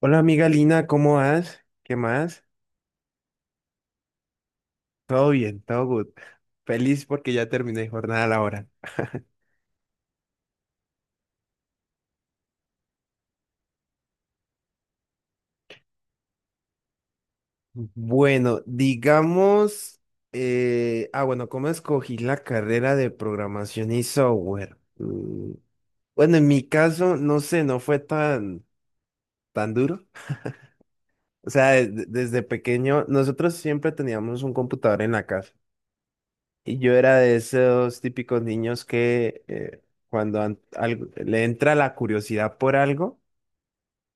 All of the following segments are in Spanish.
Hola amiga Lina, ¿cómo vas? ¿Qué más? Todo bien, todo good. Feliz porque ya terminé jornada laboral. Bueno, digamos, bueno, ¿cómo escogí la carrera de programación y software? Mm. Bueno, en mi caso, no sé, no fue tan, tan duro. O sea, desde pequeño, nosotros siempre teníamos un computador en la casa. Y yo era de esos típicos niños que cuando le entra la curiosidad por algo.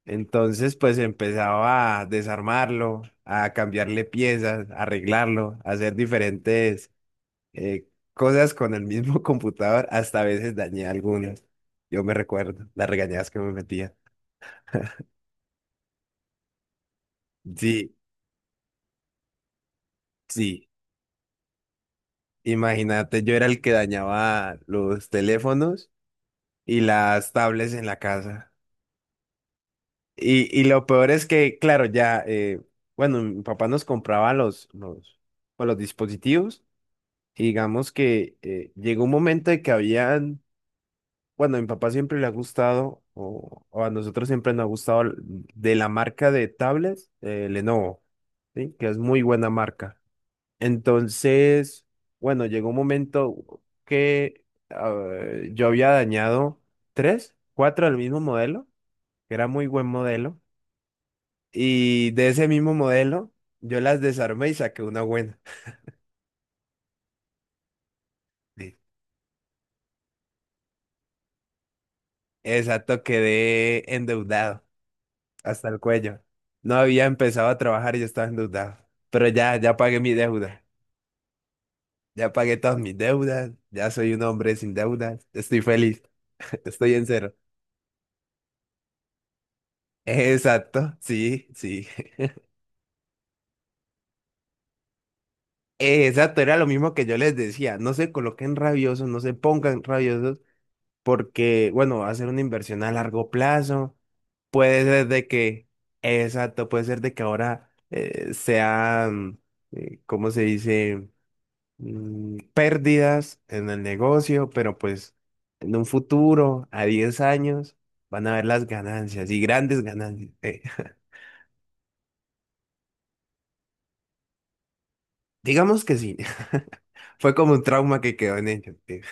Entonces, pues empezaba a desarmarlo, a cambiarle piezas, a arreglarlo, a hacer diferentes eh, cosas con el mismo computador. Hasta a veces dañé algunas. Yo me recuerdo las regañadas que me metía. Sí, sí. Imagínate, yo era el que dañaba los teléfonos y las tablets en la casa. Y lo peor es que, claro, ya, bueno, mi papá nos compraba pues, los dispositivos. Y digamos que llegó un momento de que habían, bueno, a mi papá siempre le ha gustado, o a nosotros siempre nos ha gustado, de la marca de tablets, Lenovo, ¿sí? Que es muy buena marca. Entonces, bueno, llegó un momento que yo había dañado tres, cuatro del mismo modelo, que era muy buen modelo, y de ese mismo modelo yo las desarmé y saqué una buena. Sí. Exacto, quedé endeudado hasta el cuello. No había empezado a trabajar y yo estaba endeudado. Pero ya, ya pagué mi deuda. Ya pagué todas mis deudas. Ya soy un hombre sin deudas. Estoy feliz. Estoy en cero. Exacto, sí, sí. Exacto, era lo mismo que yo les decía. No se coloquen rabiosos, no se pongan rabiosos, porque, bueno, va a ser una inversión a largo plazo. Puede ser de que, exacto, puede ser de que ahora sean, ¿cómo se dice? Mm, pérdidas en el negocio, pero pues en un futuro, a 10 años, van a ver las ganancias y grandes ganancias. Digamos que sí, fue como un trauma que quedó en ellos.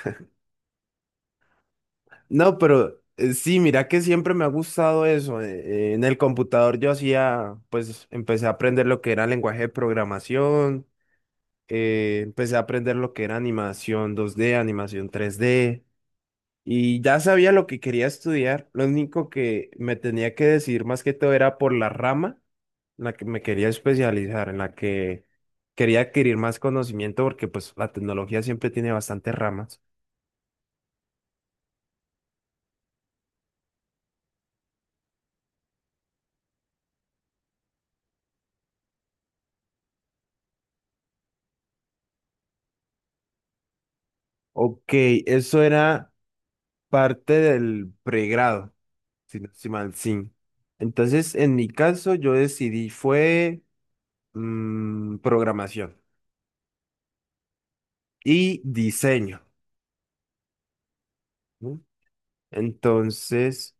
No, pero sí, mira que siempre me ha gustado eso. En el computador yo hacía, pues empecé a aprender lo que era lenguaje de programación, empecé a aprender lo que era animación 2D animación 3D. Y ya sabía lo que quería estudiar, lo único que me tenía que decidir más que todo era por la rama en la que me quería especializar, en la que quería adquirir más conocimiento porque pues la tecnología siempre tiene bastantes ramas. Ok, eso era parte del pregrado, si no estoy mal, sí. Entonces, en mi caso, yo decidí fue programación y diseño, ¿no? Entonces...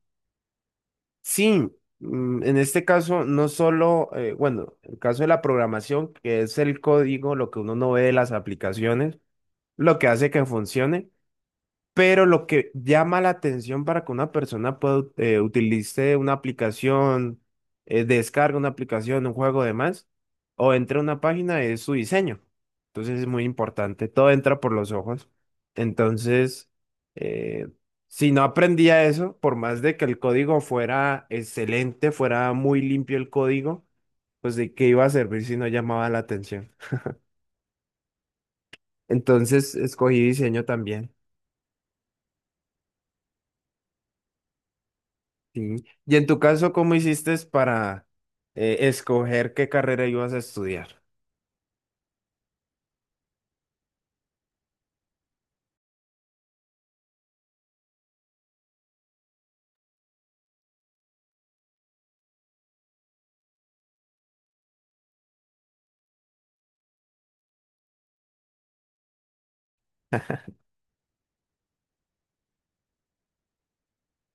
Sí, mm, en este caso no solo, bueno, el caso de la programación, que es el código, lo que uno no ve de las aplicaciones, lo que hace que funcione. Pero lo que llama la atención para que una persona pueda utilice una aplicación, descargue una aplicación, un juego, demás, o entre a una página es su diseño. Entonces es muy importante, todo entra por los ojos. Entonces, eh, si no aprendía eso, por más de que el código fuera excelente, fuera muy limpio el código, pues de qué iba a servir si no llamaba la atención. Entonces escogí diseño también. Sí. Y en tu caso, ¿cómo hiciste para escoger qué carrera ibas a estudiar?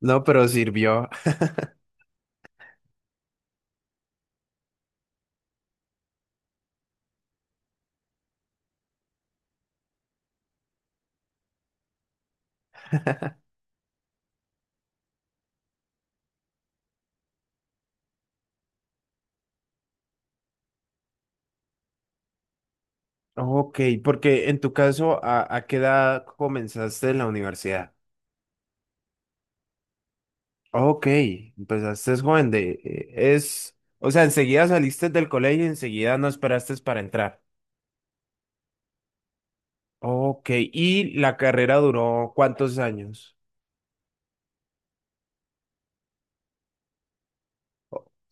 No, pero sirvió. Ok, porque en tu caso, a qué edad comenzaste en la universidad? Ok, empezaste joven de... es, o sea, enseguida saliste del colegio y enseguida no esperaste para entrar. Ok, ¿y la carrera duró cuántos años?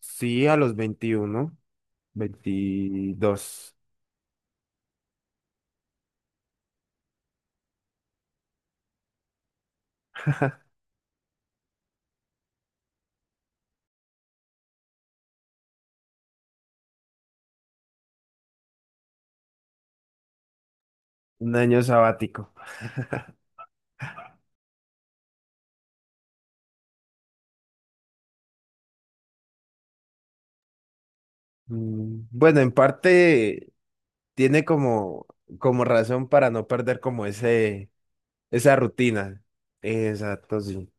Sí, a los 21, 22. Un año sabático. Mm. Bueno, en parte tiene como razón para no perder como ese, esa rutina. Exacto, sí.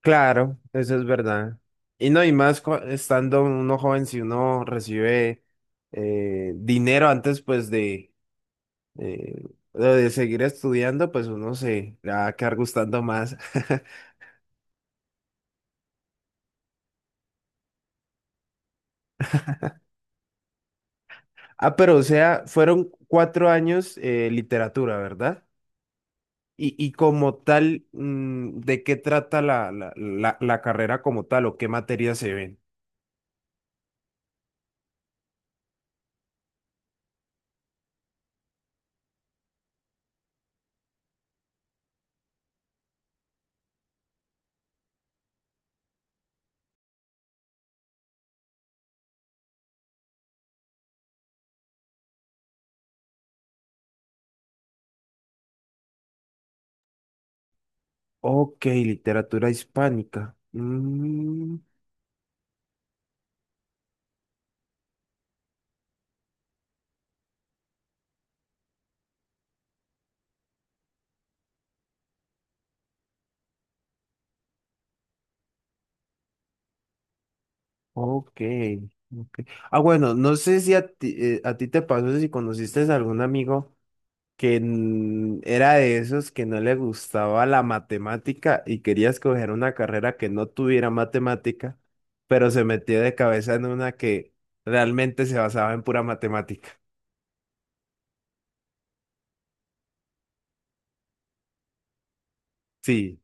Claro, eso es verdad. Y no, y más estando uno joven, si uno recibe dinero antes pues eh, de seguir estudiando, pues uno se le va a quedar gustando más. Ah, pero o sea, fueron 4 años literatura, ¿verdad? Y como tal, mm, ¿de qué trata la carrera como tal o qué materias se ven? Ok, literatura hispánica. Mm, ok, ok. Ah, bueno, no sé si a ti, a ti te pasó, si conociste a algún amigo que era de esos que no le gustaba la matemática y quería escoger una carrera que no tuviera matemática, pero se metió de cabeza en una que realmente se basaba en pura matemática. Sí,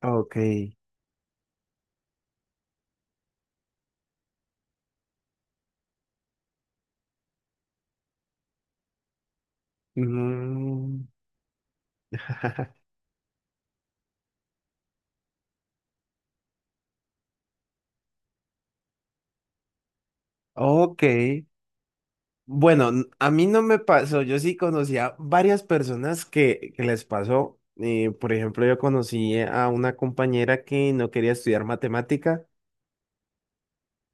ok. Mm, ok. Bueno, a mí no me pasó. Yo sí conocía varias personas que les pasó. Por ejemplo, yo conocí a una compañera que no quería estudiar matemática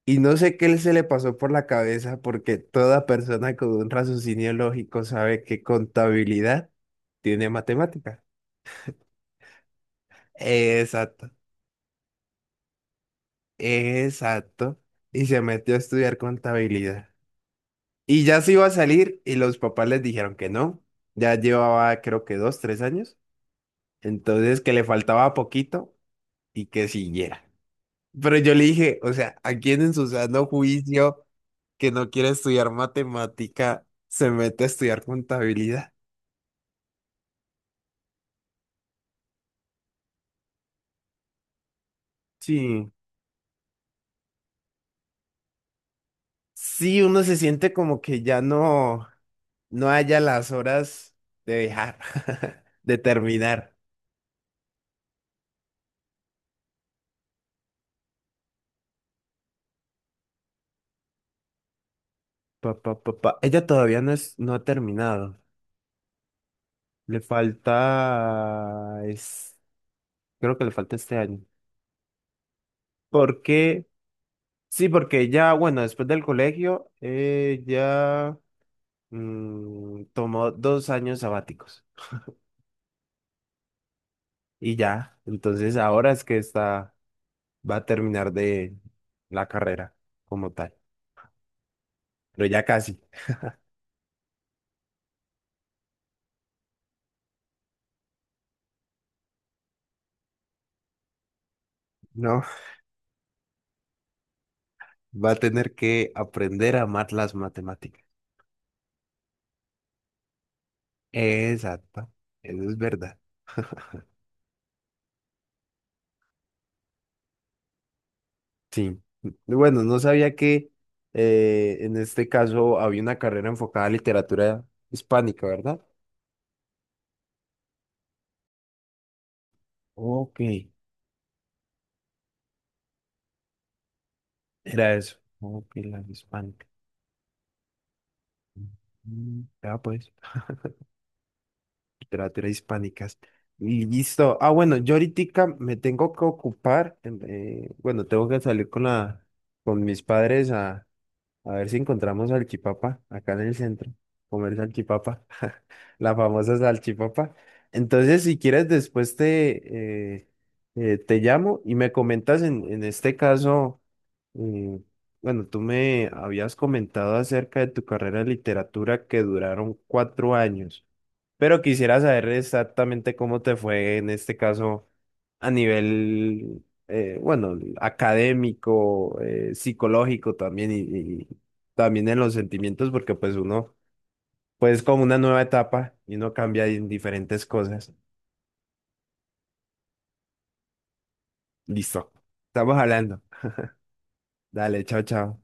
y no sé qué se le pasó por la cabeza porque toda persona con un raciocinio lógico sabe que contabilidad tiene matemática. Exacto, exacto. Y se metió a estudiar contabilidad. Y ya se iba a salir y los papás les dijeron que no. Ya llevaba creo que 2, 3 años. Entonces que le faltaba poquito y que siguiera. Pero yo le dije, o sea, ¿a quién en su sano juicio que no quiere estudiar matemática se mete a estudiar contabilidad? Sí. Sí, uno se siente como que ya no, no haya las horas de dejar, de terminar. Pa, pa, pa, pa. Ella todavía no es, no ha terminado. Le falta, es, creo que le falta este año. Porque, sí, porque ya, bueno, después del colegio, ya tomó 2 años sabáticos y ya, entonces ahora es que está, va a terminar de la carrera como tal, pero ya casi, ¿no? Va a tener que aprender a amar las matemáticas. Exacto, eso es verdad. Sí, bueno, no sabía que en este caso había una carrera enfocada a literatura hispánica, ¿verdad? Ok, era eso. Ok, la hispánica. Mm. Ya pues. Literatura hispánicas. Y listo. Ah, bueno, yo ahorita me tengo que ocupar. Bueno, tengo que salir con con mis padres. A ver si encontramos salchipapa acá en el centro. Comer salchipapa. La famosa salchipapa. Entonces, si quieres, después te llamo y me comentas en, este caso, eh, bueno, tú me habías comentado acerca de tu carrera de literatura que duraron 4 años. Pero quisiera saber exactamente cómo te fue en este caso a nivel, bueno, académico, psicológico también y también en los sentimientos, porque pues uno, pues es como una nueva etapa y uno cambia en diferentes cosas. Listo. Estamos hablando. Dale, chao, chao.